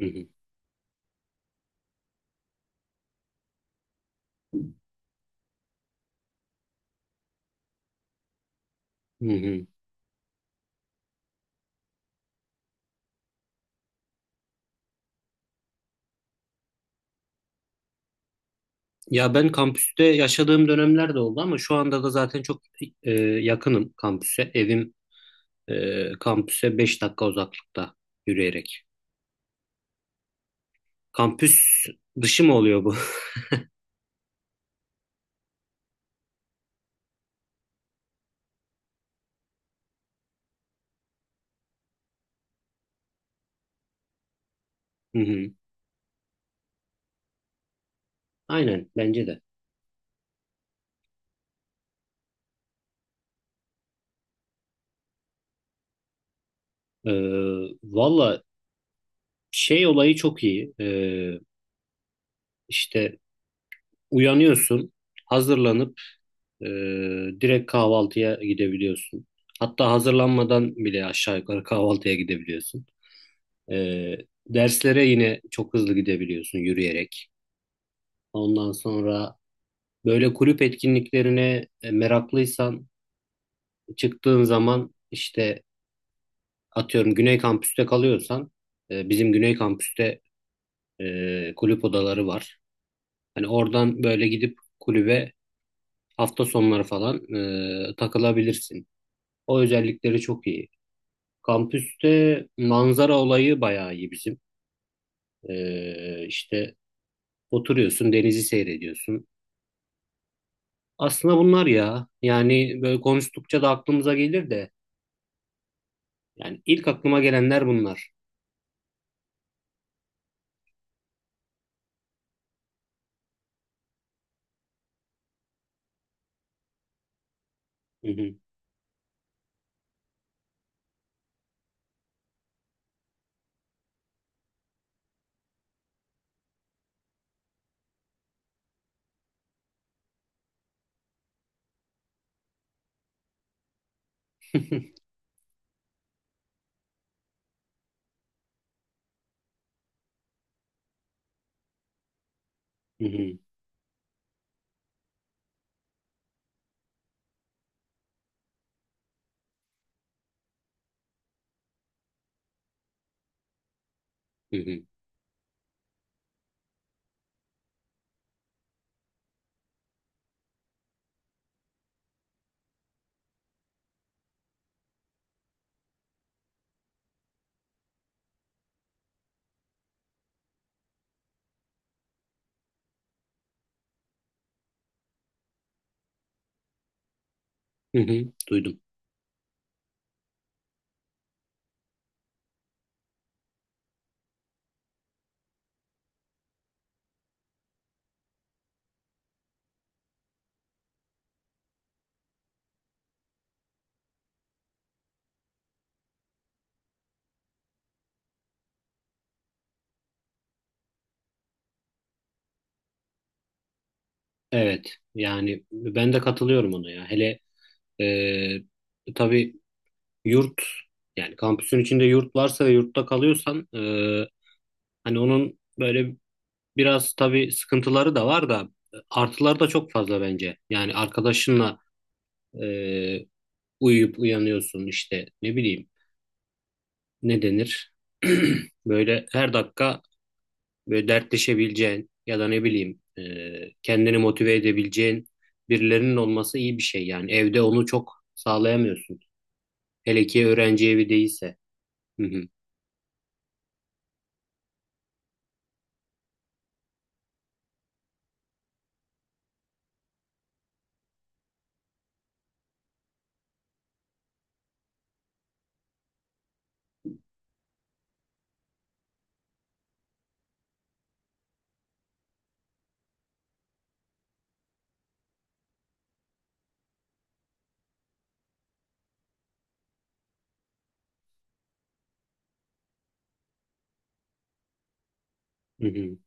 Hı hı, hı hı. Ya ben kampüste yaşadığım dönemler de oldu ama şu anda da zaten çok yakınım kampüse. Evim kampüse 5 dakika uzaklıkta yürüyerek. Kampüs dışı mı oluyor bu? Hı hı. Aynen bence de. E, Valla şey olayı çok iyi. İşte uyanıyorsun, hazırlanıp e, direkt kahvaltıya gidebiliyorsun. Hatta hazırlanmadan bile aşağı yukarı kahvaltıya gidebiliyorsun. Ee, Derslere yine çok hızlı gidebiliyorsun yürüyerek. Ondan sonra böyle kulüp etkinliklerine meraklıysan çıktığın zaman işte atıyorum Güney Kampüs'te kalıyorsan bizim Güney Kampüs'te kulüp odaları var. Hani oradan böyle gidip kulübe hafta sonları falan takılabilirsin. O özellikleri çok iyi. Kampüste manzara olayı bayağı iyi bizim. İşte oturuyorsun, denizi seyrediyorsun. Aslında bunlar ya. Yani böyle konuştukça da aklımıza gelir de. Yani ilk aklıma gelenler bunlar. Hı hı. Hı hı. Hı hı. Hı hı. Duydum. Evet. Yani ben de katılıyorum ona ya. Hele tabii yurt yani kampüsün içinde yurt varsa ve yurtta kalıyorsan hani onun böyle biraz tabii sıkıntıları da var da artıları da çok fazla bence. Yani arkadaşınla e, uyuyup uyanıyorsun işte ne bileyim ne denir? Böyle her dakika böyle dertleşebileceğin ya da ne bileyim kendini motive edebileceğin birilerinin olması iyi bir şey yani. Evde onu çok sağlayamıyorsun. Hele ki öğrenci evi değilse. Hı hı, hı hı.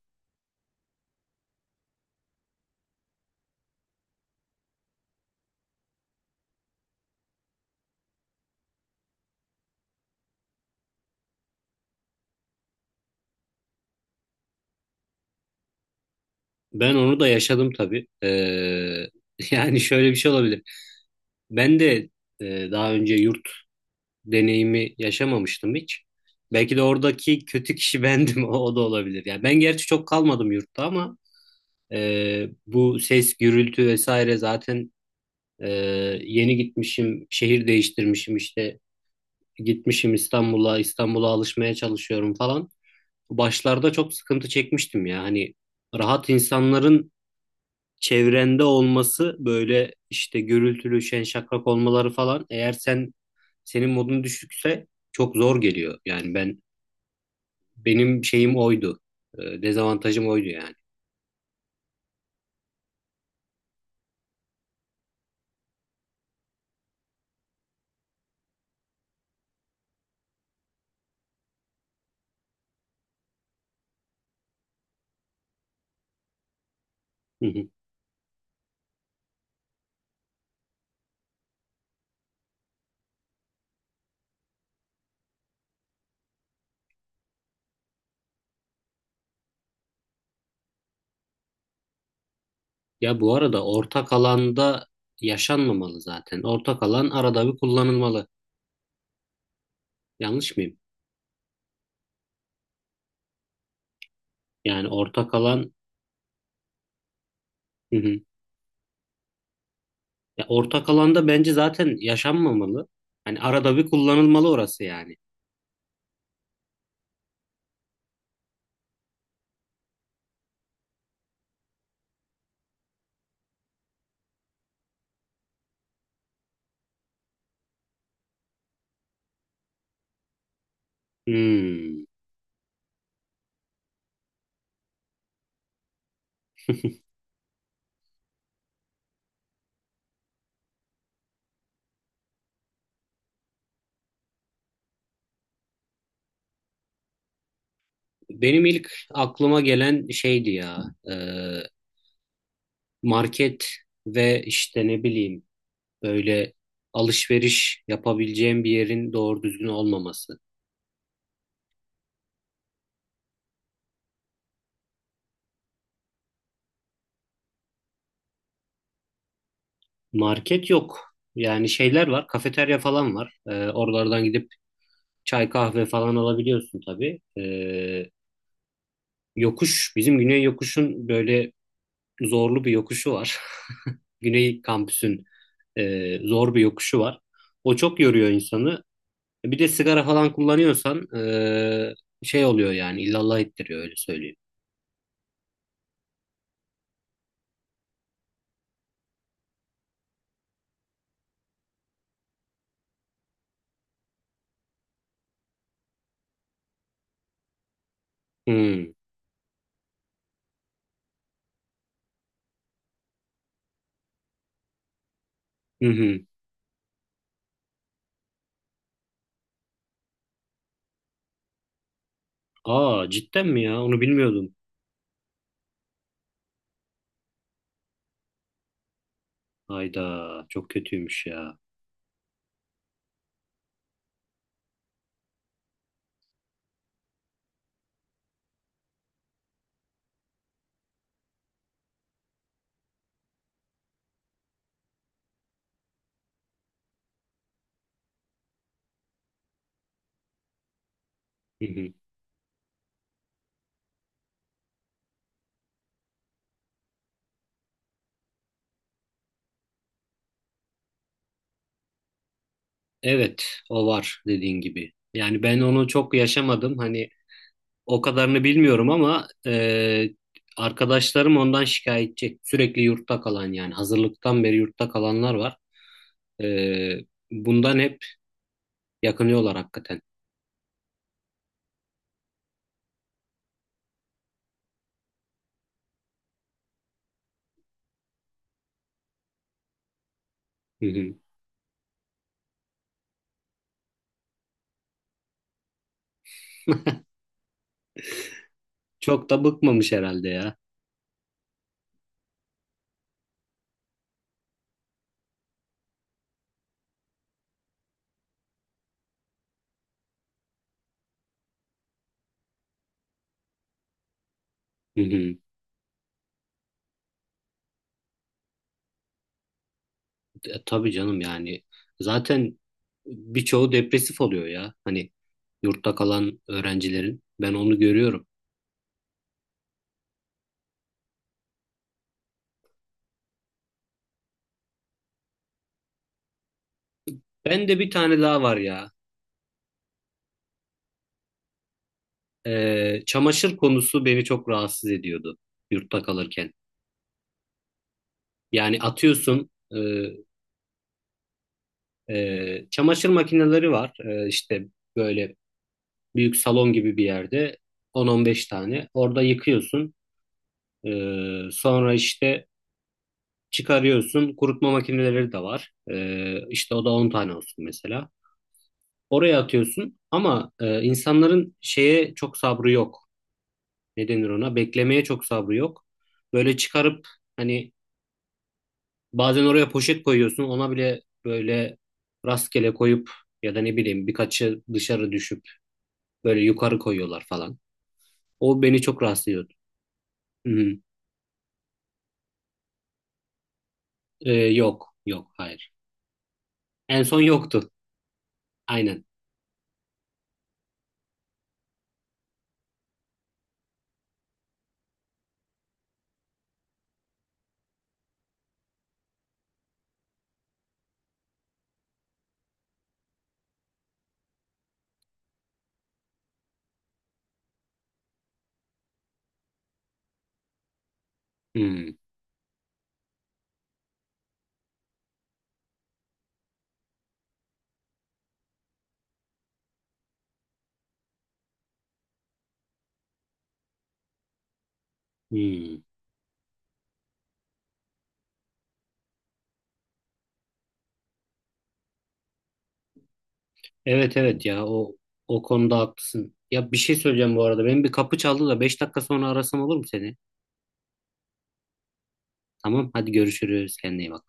Ben onu da yaşadım tabii. Yani şöyle bir şey olabilir. Ben de daha önce yurt deneyimi yaşamamıştım hiç. Belki de oradaki kötü kişi bendim. O da olabilir. Yani ben gerçi çok kalmadım yurtta ama bu ses, gürültü vesaire zaten e, yeni gitmişim, şehir değiştirmişim işte gitmişim İstanbul'a, İstanbul'a alışmaya çalışıyorum falan. Başlarda çok sıkıntı çekmiştim ya hani rahat insanların çevrende olması böyle işte gürültülü, şen şakrak olmaları falan eğer senin modun düşükse çok zor geliyor. Yani benim şeyim oydu. Dezavantajım oydu yani. Hı hı. Ya bu arada ortak alanda yaşanmamalı zaten. Ortak alan arada bir kullanılmalı. Yanlış mıyım? Yani ortak alan hı hı. Ya ortak alanda bence zaten yaşanmamalı. Hani arada bir kullanılmalı orası yani. Hmm. Benim ilk aklıma gelen şeydi ya e, market ve işte ne bileyim böyle alışveriş yapabileceğim bir yerin doğru düzgün olmaması. Market yok. Yani şeyler var, kafeterya falan var. E, oralardan gidip çay kahve falan alabiliyorsun tabii. Yokuş bizim Güney Yokuş'un böyle zorlu bir yokuşu var. Güney kampüsün zor bir yokuşu var. O çok yoruyor insanı. Bir de sigara falan kullanıyorsan şey oluyor yani illallah ettiriyor öyle söyleyeyim. Hmm. Hı hı. Aa cidden mi ya? Onu bilmiyordum. Hayda çok kötüymüş ya. Hı hı. Evet o var dediğin gibi. Yani ben onu çok yaşamadım. Hani o kadarını bilmiyorum ama arkadaşlarım ondan şikayetçi. Sürekli yurtta kalan yani hazırlıktan beri yurtta kalanlar var. E, Bundan hep yakınıyorlar hakikaten. Hı hı. Çok da bıkmamış herhalde ya. Hı hı. Tabii canım yani zaten birçoğu depresif oluyor ya. Hani yurtta kalan öğrencilerin ben onu görüyorum. Ben de bir tane daha var ya. Çamaşır konusu beni çok rahatsız ediyordu yurtta kalırken. Yani atıyorsun çamaşır makineleri var. İşte böyle büyük salon gibi bir yerde 10-15 tane. Orada yıkıyorsun. Sonra işte çıkarıyorsun. Kurutma makineleri de var. İşte o da 10 tane olsun mesela. Oraya atıyorsun ama insanların şeye çok sabrı yok. Ne denir ona? Beklemeye çok sabrı yok. Böyle çıkarıp hani bazen oraya poşet koyuyorsun. Ona bile böyle rastgele koyup ya da ne bileyim birkaçı dışarı düşüp böyle yukarı koyuyorlar falan. O beni çok rahatsız ediyordu. Hı hı. Yok. Yok. Hayır. En son yoktu. Aynen. Hmm, hmm. Evet evet ya o konuda haklısın. Ya bir şey söyleyeceğim bu arada. Benim bir kapı çaldı da 5 dakika sonra arasam olur mu seni? Tamam hadi görüşürüz. Kendine iyi bak.